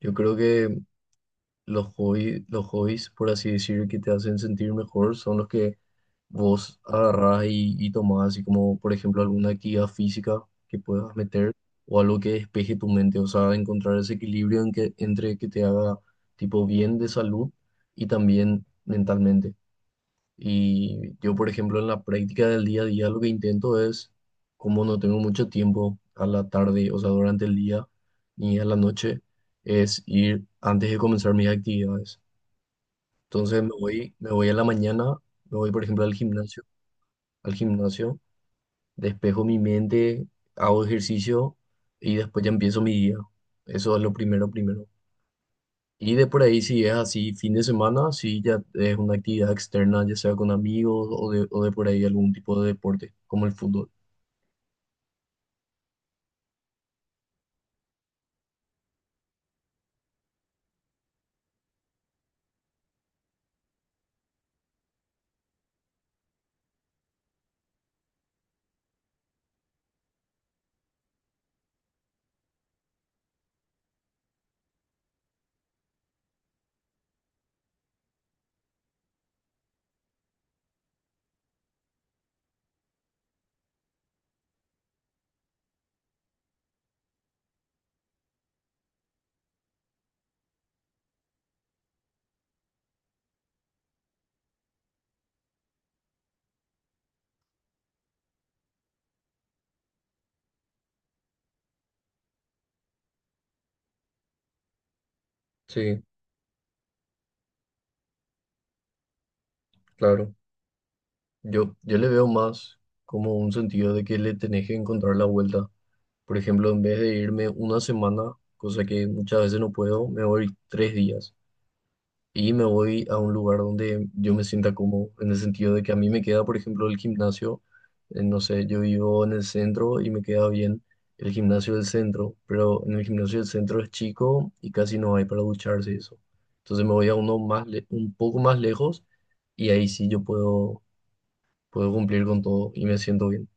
Yo creo que los hobbies, por así decir, que te hacen sentir mejor son los que vos agarrás y tomás, así como, por ejemplo, alguna actividad física que puedas meter o algo que despeje tu mente, o sea, encontrar ese equilibrio entre que te haga tipo bien de salud y también mentalmente. Y yo, por ejemplo, en la práctica del día a día, lo que intento es, como no tengo mucho tiempo a la tarde, o sea, durante el día ni a la noche, es ir antes de comenzar mis actividades. Entonces me voy a la mañana, me voy, por ejemplo, al gimnasio, despejo mi mente, hago ejercicio y después ya empiezo mi día. Eso es lo primero, primero. Y de por ahí, si es así, fin de semana, si ya es una actividad externa, ya sea con amigos o de por ahí algún tipo de deporte, como el fútbol. Sí, claro. Yo le veo más como un sentido de que le tenés que encontrar la vuelta. Por ejemplo, en vez de irme una semana, cosa que muchas veces no puedo, me voy 3 días. Y me voy a un lugar donde yo me sienta cómodo, en el sentido de que a mí me queda, por ejemplo, el gimnasio, no sé, yo vivo en el centro y me queda bien el gimnasio del centro, pero en el gimnasio del centro es chico y casi no hay para ducharse y eso. Entonces me voy a uno un poco más lejos y ahí sí yo puedo cumplir con todo y me siento bien.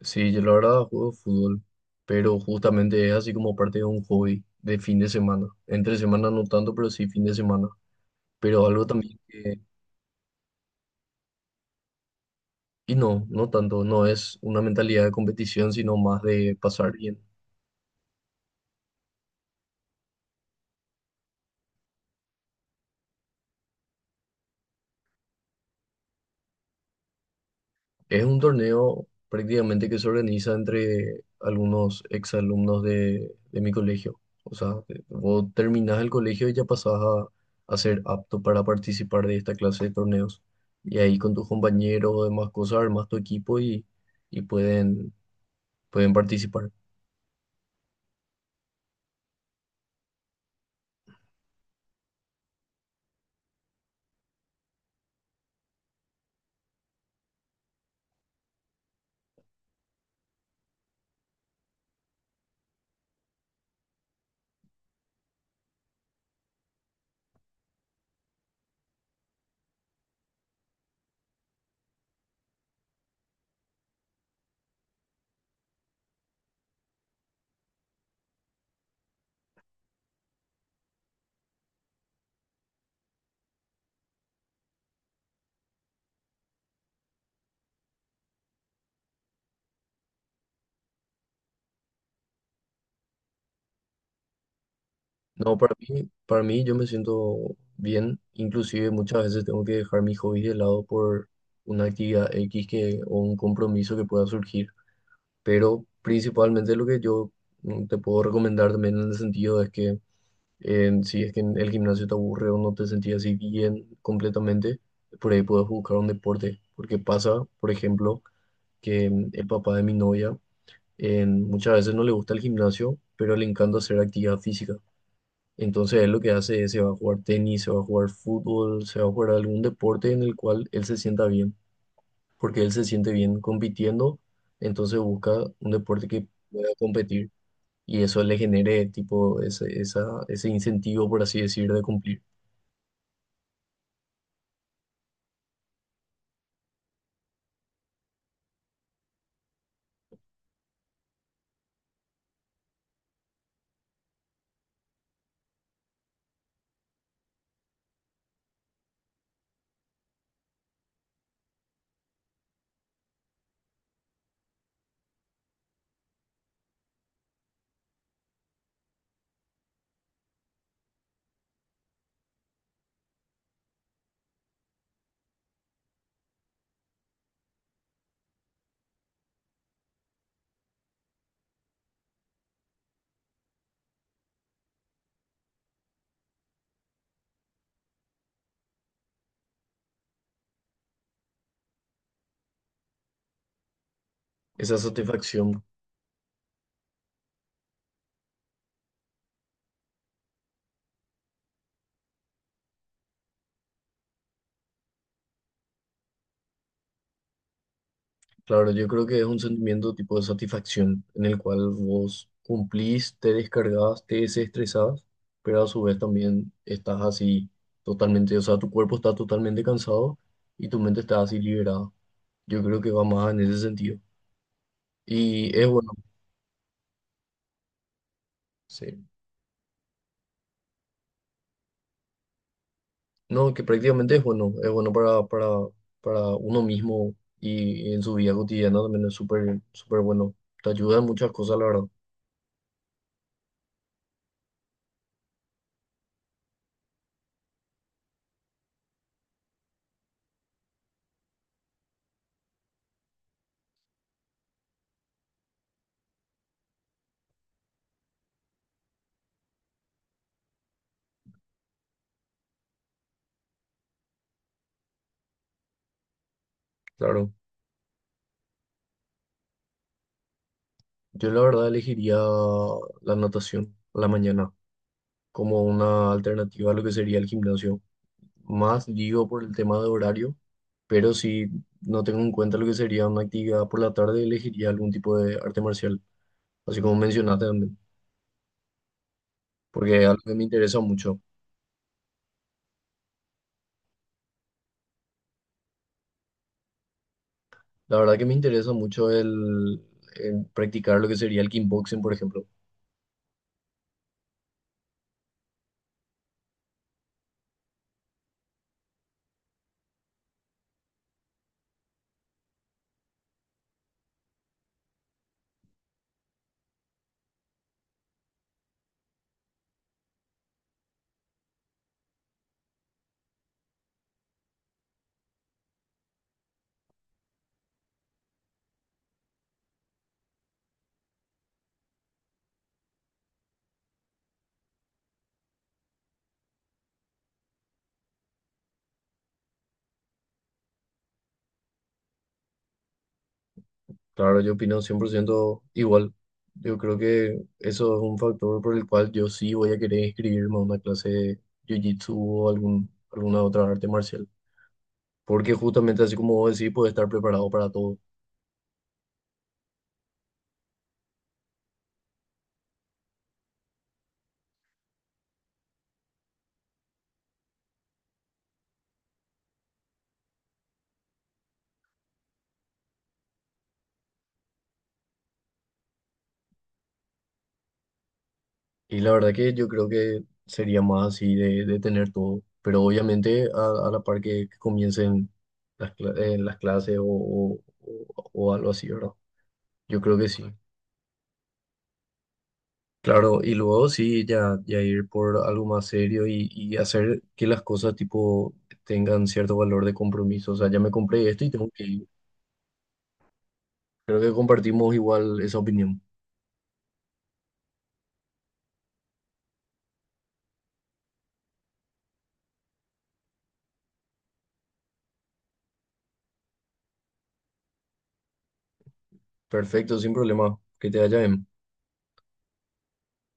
Sí, yo la verdad juego fútbol, pero justamente es así como parte de un hobby de fin de semana. Entre semana no tanto, pero sí fin de semana. Pero algo también. Y no, no tanto, no es una mentalidad de competición, sino más de pasar bien. Es un torneo prácticamente que se organiza entre algunos exalumnos de mi colegio. O sea, vos terminás el colegio y ya pasás a ser apto para participar de esta clase de torneos. Y ahí con tus compañeros o demás cosas armas tu equipo y pueden participar. No, para mí yo me siento bien, inclusive muchas veces tengo que dejar mis hobbies de lado por una actividad X o un compromiso que pueda surgir, pero principalmente lo que yo te puedo recomendar también en el sentido es que si es que en el gimnasio te aburre o no te sentís así bien completamente, por ahí puedes buscar un deporte, porque pasa, por ejemplo, que el papá de mi novia muchas veces no le gusta el gimnasio, pero le encanta hacer actividad física. Entonces él lo que hace es se va a jugar tenis, se va a jugar fútbol, se va a jugar algún deporte en el cual él se sienta bien, porque él se siente bien compitiendo, entonces busca un deporte que pueda competir y eso le genere tipo ese incentivo, por así decir, de cumplir, esa satisfacción. Claro, yo creo que es un sentimiento tipo de satisfacción en el cual vos cumplís, te descargas, te desestresás, pero a su vez también estás así totalmente, o sea, tu cuerpo está totalmente cansado y tu mente está así liberada. Yo creo que va más en ese sentido. Y es bueno, sí. No, que prácticamente es bueno, para uno mismo y en su vida cotidiana también es súper, súper bueno. Te ayuda en muchas cosas, la verdad. Claro. Yo la verdad elegiría la natación a la mañana como una alternativa a lo que sería el gimnasio. Más digo por el tema de horario, pero si no tengo en cuenta lo que sería una actividad por la tarde, elegiría algún tipo de arte marcial, así como mencionaste también, porque es algo que me interesa mucho. La verdad que me interesa mucho el practicar lo que sería el kickboxing, por ejemplo. Claro, yo opino 100% igual. Yo creo que eso es un factor por el cual yo sí voy a querer inscribirme a una clase de jiu-jitsu o alguna otra arte marcial. Porque justamente así como vos decís, puedes estar preparado para todo. Y la verdad que yo creo que sería más así de tener todo. Pero obviamente a la par que comiencen las clases o algo así, ¿verdad? Yo creo que sí. Claro, y luego sí, ya ir por algo más serio y hacer que las cosas tipo tengan cierto valor de compromiso. O sea, ya me compré esto y tengo que ir. Creo que compartimos igual esa opinión. Perfecto, sin problema. Que te vaya bien.